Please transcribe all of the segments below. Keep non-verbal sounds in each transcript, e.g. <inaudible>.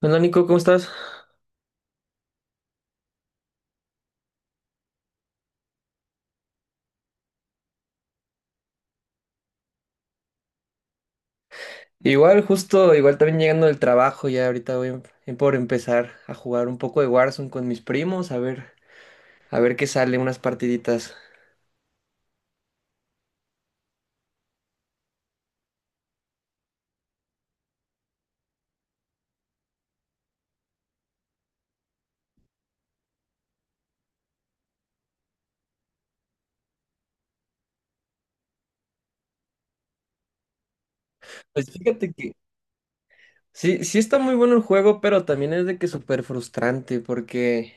Hola Nico, ¿cómo estás? Igual, justo, igual también llegando del trabajo, ya ahorita voy por empezar a jugar un poco de Warzone con mis primos, a ver qué sale, unas partiditas. Pues fíjate que sí está muy bueno el juego, pero también es de que súper frustrante, porque,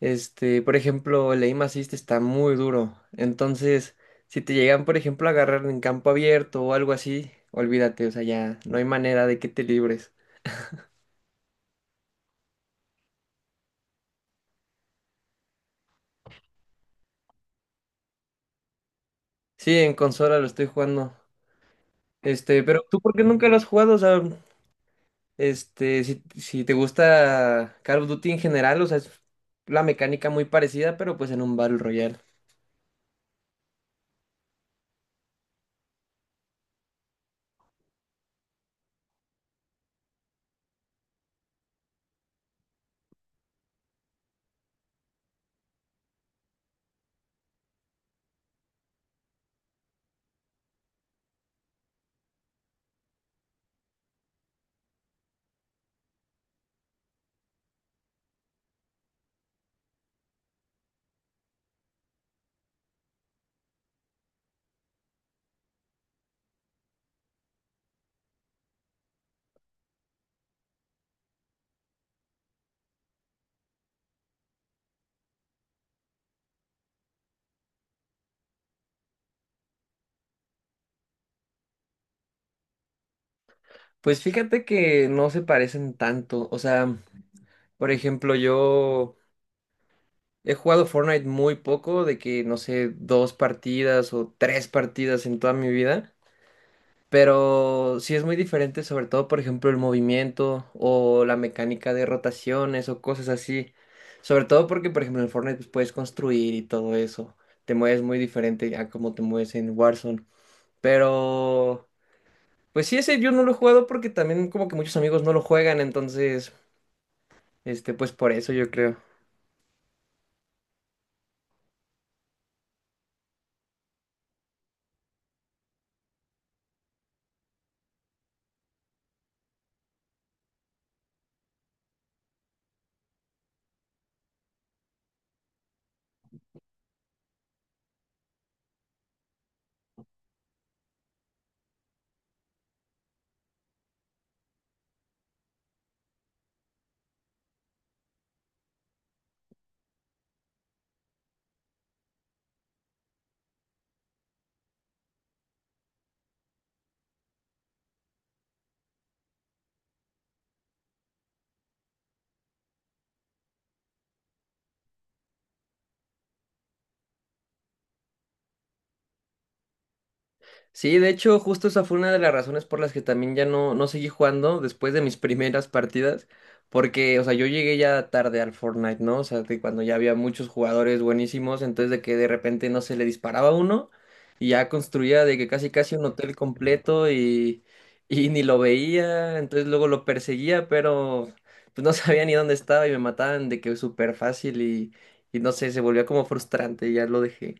este, por ejemplo, el aim assist está muy duro. Entonces, si te llegan, por ejemplo, a agarrar en campo abierto o algo así, olvídate, o sea, ya no hay manera de que te libres. Sí, en consola lo estoy jugando. Este, pero tú, ¿por qué nunca lo has jugado? O sea, este, si te gusta Call of Duty en general, o sea, es la mecánica muy parecida, pero pues en un Battle Royale. Pues fíjate que no se parecen tanto. O sea, por ejemplo, yo he jugado Fortnite muy poco, de que no sé, dos partidas o tres partidas en toda mi vida. Pero sí es muy diferente, sobre todo, por ejemplo, el movimiento o la mecánica de rotaciones o cosas así. Sobre todo porque, por ejemplo, en Fortnite pues, puedes construir y todo eso. Te mueves muy diferente a como te mueves en Warzone. Pero, pues sí, ese yo no lo he jugado porque también como que muchos amigos no lo juegan, entonces, este, pues por eso yo creo. Sí, de hecho, justo esa fue una de las razones por las que también ya no seguí jugando después de mis <laughs> primeras partidas, porque, o sea, yo llegué ya tarde al Fortnite, ¿no? O sea, que cuando ya había muchos jugadores buenísimos, entonces de que de repente no se le disparaba a uno y ya construía de que casi casi un hotel completo y, <laughs> y ni lo veía, entonces luego lo perseguía, pero pues no <laughs> sabía ni dónde estaba y me mataban de que súper fácil y no sé, se volvía como frustrante y ya lo dejé.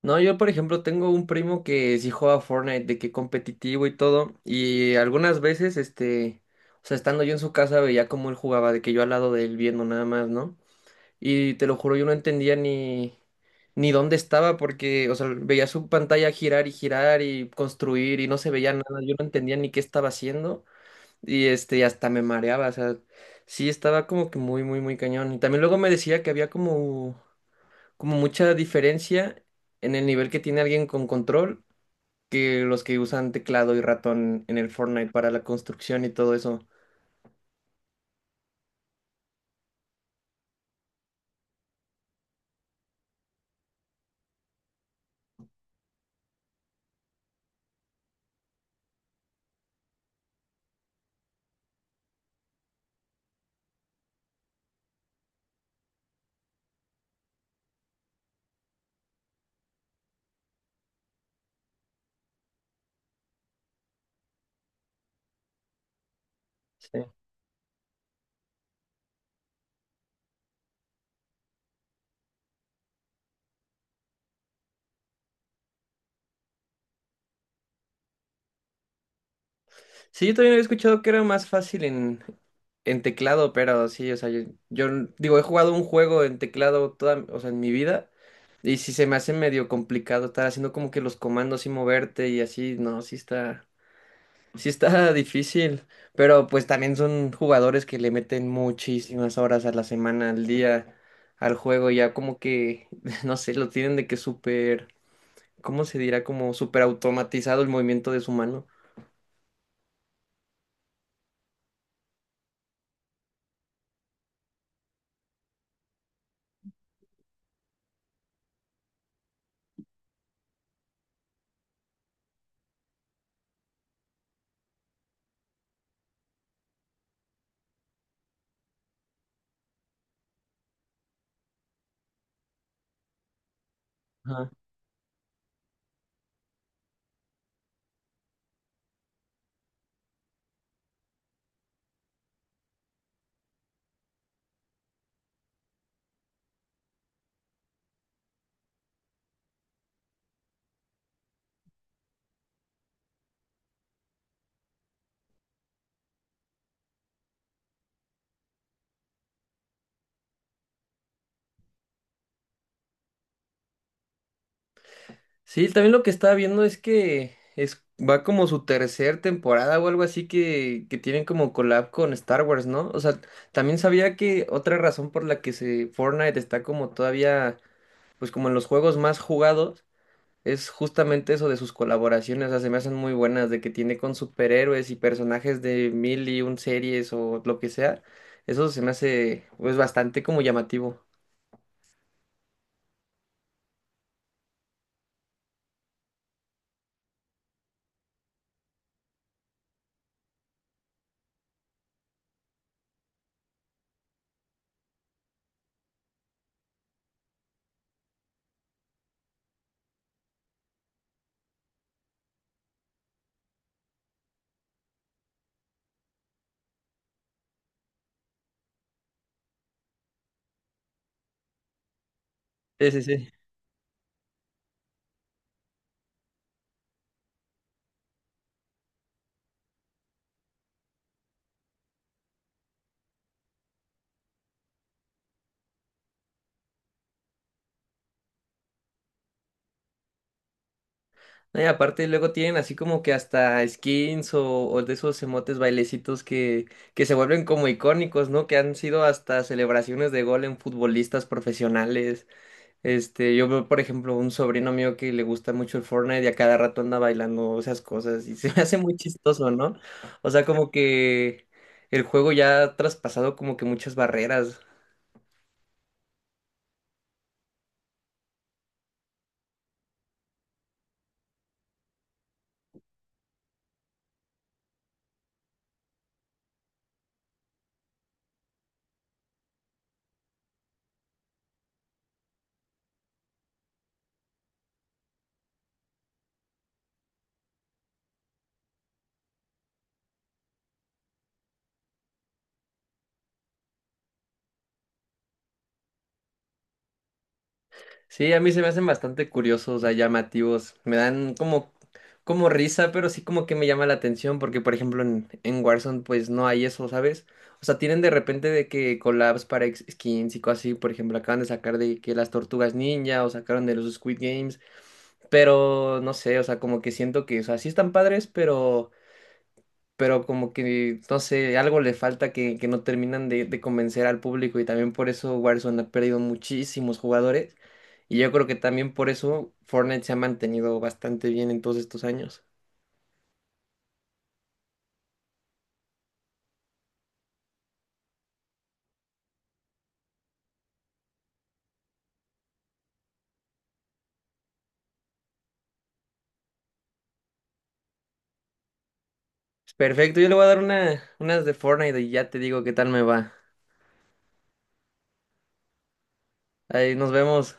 No, yo por ejemplo tengo un primo que sí juega Fortnite, de que competitivo y todo, y algunas veces, este, o sea, estando yo en su casa veía cómo él jugaba, de que yo al lado de él viendo nada más, ¿no? Y te lo juro, yo no entendía ni, ni dónde estaba, porque, o sea, veía su pantalla girar y girar y construir y no se veía nada, yo no entendía ni qué estaba haciendo, y este, hasta me mareaba, o sea, sí estaba como que muy, muy, muy cañón. Y también luego me decía que había como como mucha diferencia en el nivel que tiene alguien con control que los que usan teclado y ratón en el Fortnite para la construcción y todo eso. Sí, sí, yo también había escuchado que era más fácil en teclado, pero sí, o sea, yo digo, he jugado un juego en teclado toda, o sea, en mi vida. Y si se me hace medio complicado estar haciendo como que los comandos y moverte y así, no, sí está, sí está difícil, pero pues también son jugadores que le meten muchísimas horas a la semana, al día, al juego, y ya como que, <laughs> no sé, lo tienen de que súper, ¿cómo se dirá? Como súper automatizado el movimiento de su mano. Ajá. Sí, también lo que estaba viendo es que es, va como su tercer temporada o algo así que tienen como collab con Star Wars, ¿no? O sea, también sabía que otra razón por la que se Fortnite está como todavía, pues como en los juegos más jugados es justamente eso de sus colaboraciones, o sea, se me hacen muy buenas, de que tiene con superhéroes y personajes de mil y un series o lo que sea. Eso se me hace, pues, bastante como llamativo. Sí, sí, sí. No, y aparte luego tienen así como que hasta skins o de esos emotes bailecitos que se vuelven como icónicos, ¿no? Que han sido hasta celebraciones de gol en futbolistas profesionales. Este, yo veo, por ejemplo, un sobrino mío que le gusta mucho el Fortnite y a cada rato anda bailando esas cosas y <laughs> se me hace muy chistoso, ¿no? O sea, como que el juego ya ha traspasado como que muchas barreras. Sí, a mí se me hacen bastante curiosos, o sea, llamativos. Me dan como, como risa, pero sí como que me llama la atención porque, por ejemplo, en Warzone pues no hay eso, ¿sabes? O sea, tienen de repente de que collabs para ex- skins y cosas así. Por ejemplo, acaban de sacar de que las tortugas ninja o sacaron de los Squid Games. Pero no sé, o sea, como que siento que, o sea, sí están padres, pero como que, no sé, algo le falta que no terminan de convencer al público y también por eso Warzone ha perdido muchísimos jugadores y yo creo que también por eso Fortnite se ha mantenido bastante bien en todos estos años. Perfecto, yo le voy a dar una, unas de Fortnite y ya te digo qué tal me va. Ahí nos vemos.